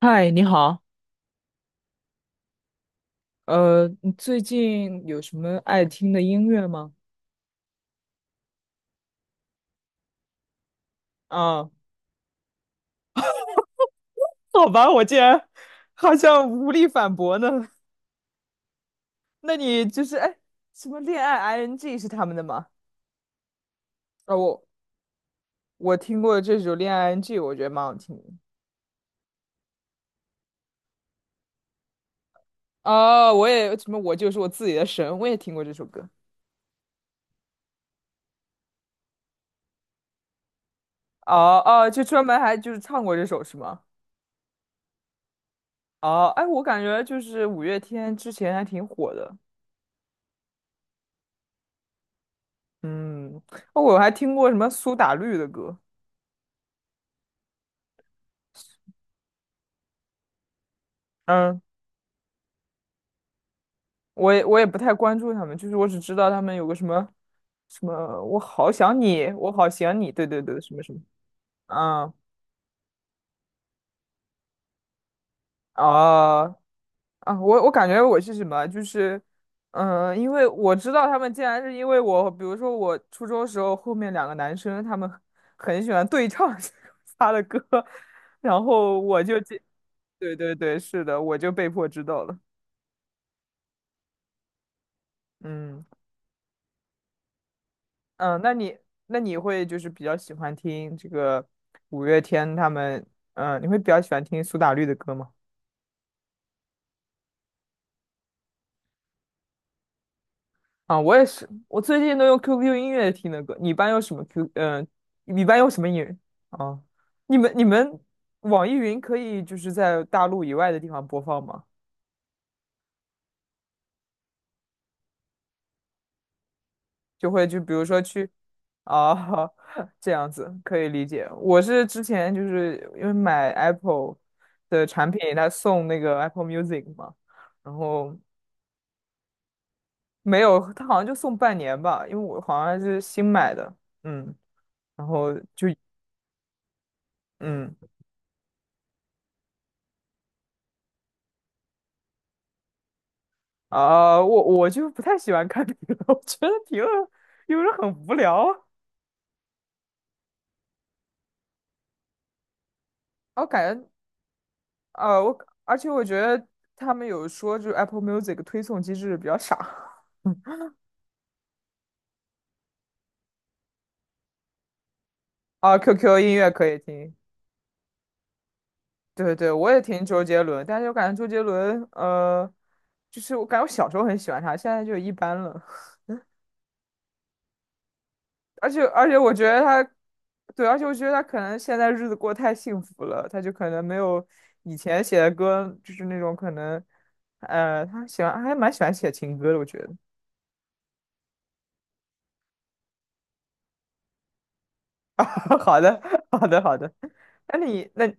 嗨，你好，你最近有什么爱听的音乐吗？啊，好吧，我竟然好像无力反驳呢。那你就是哎，什么恋爱 ing 是他们的吗？啊，我听过这首恋爱 ing，我觉得蛮好听的。哦，我也什么，我就是我自己的神，我也听过这首歌。哦哦，就专门还就是唱过这首是吗？哦，哎，我感觉就是五月天之前还挺火的。嗯，哦，我还听过什么苏打绿的歌。嗯。我也不太关注他们，就是我只知道他们有个什么什么，我好想你，我好想你，对对对，什么什么，啊啊啊！我感觉我是什么，就是，嗯、因为我知道他们竟然是因为我，比如说我初中时候后面两个男生，他们很喜欢对唱 他的歌，然后我就进，对对对，是的，我就被迫知道了，嗯。嗯，那你会就是比较喜欢听这个五月天他们，嗯，你会比较喜欢听苏打绿的歌吗？啊，我也是，我最近都用 QQ 音乐听的歌。你一般用什么音乐？啊，你们网易云可以就是在大陆以外的地方播放吗？就比如说去啊 这样子可以理解。我是之前就是因为买 Apple 的产品，它送那个 Apple Music 嘛。然后没有，他好像就送半年吧，因为我好像是新买的，嗯，然后就嗯我就不太喜欢看评论，我觉得评论有时候很无聊啊，我感觉啊，而且我觉得他们有说就是 Apple Music 推送机制比较傻 啊，QQ 音乐可以听，对对，我也听周杰伦，但是我感觉周杰伦，就是我感觉我小时候很喜欢他，现在就一般了。而且我觉得他，对，而且我觉得他可能现在日子过得太幸福了，他就可能没有以前写的歌，就是那种可能，他喜欢还蛮喜欢写情歌的，我觉得。好的，好的，好的。那你那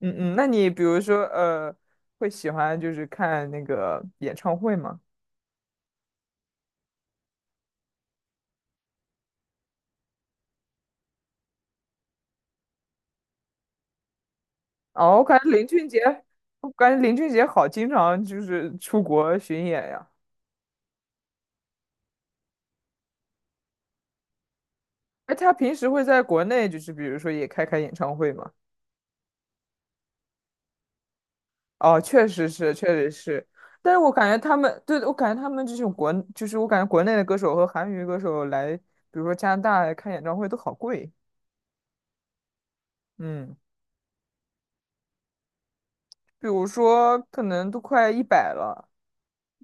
嗯嗯，那你比如说会喜欢就是看那个演唱会吗？哦，我感觉林俊杰好经常就是出国巡演呀。哎，他平时会在国内就是比如说也开演唱会吗？哦，确实是，确实是，但是我感觉他们，对，我感觉他们这种国，就是我感觉国内的歌手和韩语歌手来，比如说加拿大来看演唱会都好贵，嗯，比如说可能都快一百了，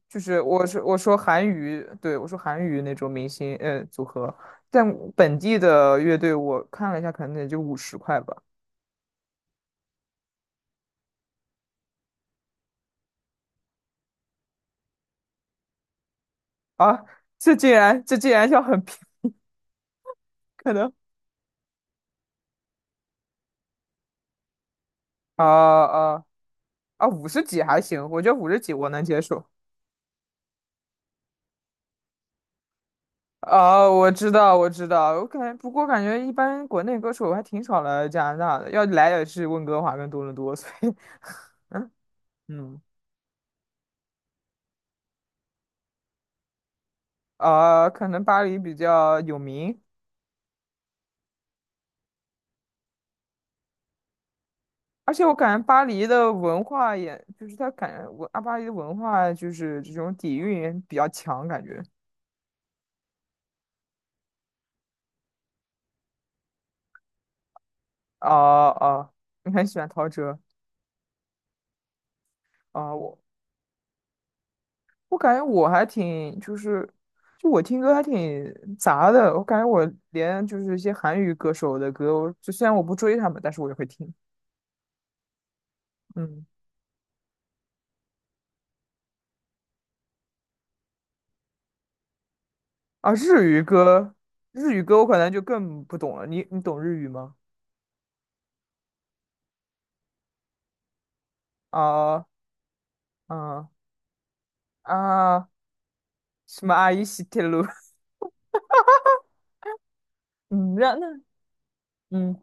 就是我说韩语，对，我说韩语那种明星，组合，但本地的乐队我看了一下，可能也就五十块吧，啊，这竟然要很便宜，可能，啊啊啊，五十几还行，我觉得五十几我能接受，哦，我知道，我知道，我感觉，不过感觉一般国内歌手还挺少来加拿大的，要来也是温哥华跟多伦多，所以 嗯，啊，可能巴黎比较有名，而且我感觉巴黎的文化也，就是他感觉文啊，巴黎的文化就是这种底蕴比较强，感觉，哦哦，你很喜欢陶喆啊，我感觉我还挺就是，就我听歌还挺杂的。我感觉我连就是一些韩语歌手的歌，我就虽然我不追他们，但是我也会听。嗯，啊，日语歌，日语歌我可能就更不懂了。你懂日语吗？啊，啊啊，什么阿姨西铁路？嗯，那那嗯，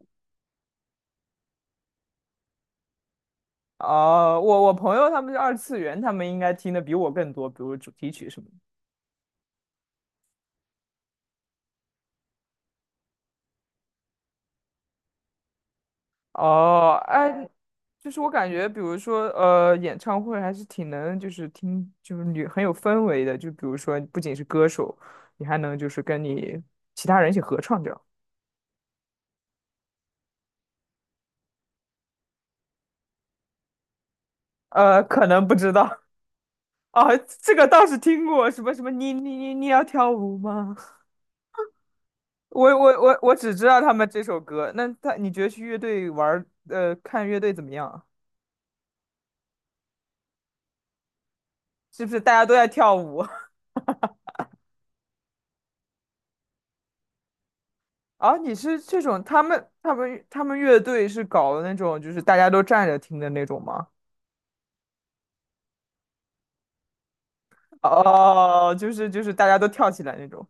哦、我朋友他们是二次元，他们应该听的比我更多，比如主题曲什么的。哦，哎，就是我感觉，比如说，演唱会还是挺能，就是听，就是你很有氛围的。就比如说，不仅是歌手，你还能就是跟你其他人一起合唱这样。可能不知道啊，这个倒是听过，什么什么，你要跳舞吗？我只知道他们这首歌。你觉得去乐队玩儿看乐队怎么样啊？是不是大家都在跳舞？啊，你是这种他们乐队是搞的那种，就是大家都站着听的那种吗？哦，就是就是大家都跳起来那种。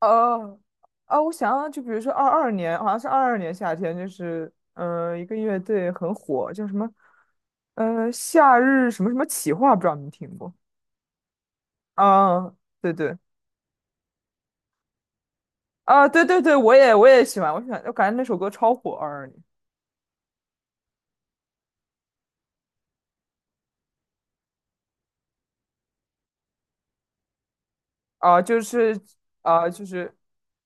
哦，啊，我想想，就比如说二二年，好像是二二年夏天，就是一个乐队很火，叫什么夏日什么什么企划，不知道你们听过？啊，对对啊，对对对，我也喜欢，我喜欢，我感觉那首歌超火，二二年。啊，就是啊，就是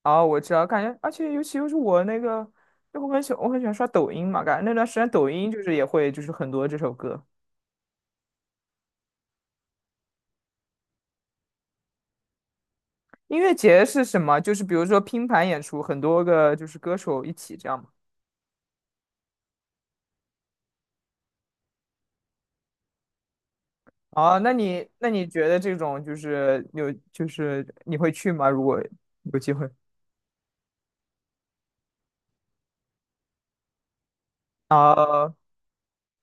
啊，我知道，感觉，而且尤其又是我那个，就我很喜欢刷抖音嘛，感觉那段时间抖音就是也会就是很多这首歌。音乐节是什么？就是比如说拼盘演出，很多个就是歌手一起这样嘛。啊，那你觉得这种就是有就是你会去吗？如果有机会啊，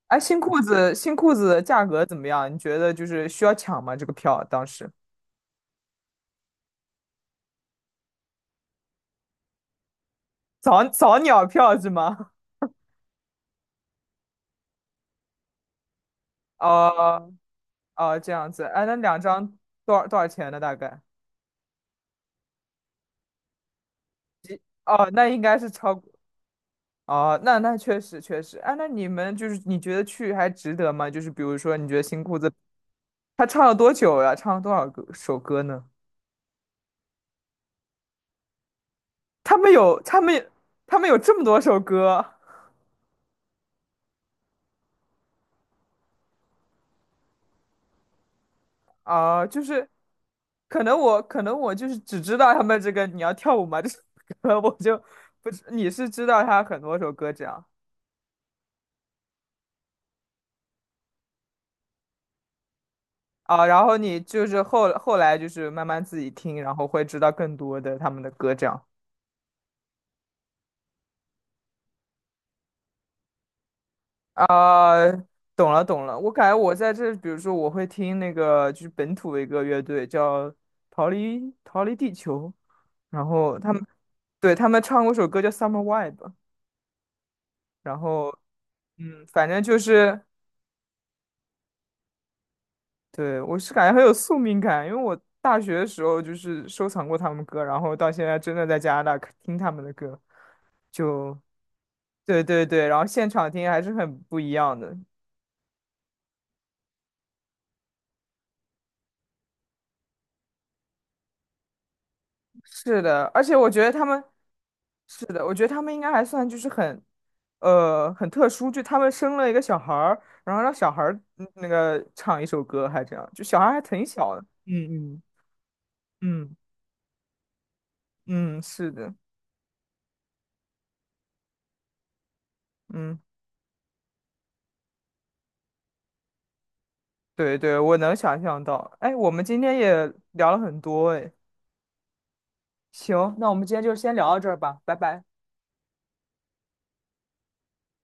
哎，新裤子的价格怎么样？你觉得就是需要抢吗？这个票当时早鸟票是吗？啊。哦，这样子，哎，那两张多少钱呢？大概？哦，那应该是超过，哦，那那确实确实，哎，那你们就是你觉得去还值得吗？就是比如说，你觉得新裤子他唱了多久呀？唱了多少个首歌呢？他们有他们他们有这么多首歌啊，就是可能我就是只知道他们这个你要跳舞吗这首歌，我就不知你是知道他很多首歌这样。啊，然后你就是后来就是慢慢自己听，然后会知道更多的他们的歌这样。啊，懂了懂了，我感觉我在这，比如说我会听那个就是本土的一个乐队叫逃离地球，然后他们对他们唱过首歌叫《Summer w i b e 然后嗯，反正就是对我是感觉很有宿命感，因为我大学的时候就是收藏过他们歌，然后到现在真的在加拿大听他们的歌，就。对对对，然后现场听还是很不一样的。是的，而且我觉得他们，是的，我觉得他们应该还算就是很，很特殊，就他们生了一个小孩儿，然后让小孩儿那个唱一首歌，还这样，就小孩儿还挺小的。嗯嗯嗯嗯，是的，嗯，对对，我能想象到。哎，我们今天也聊了很多，哎，行，那我们今天就先聊到这儿吧，拜拜。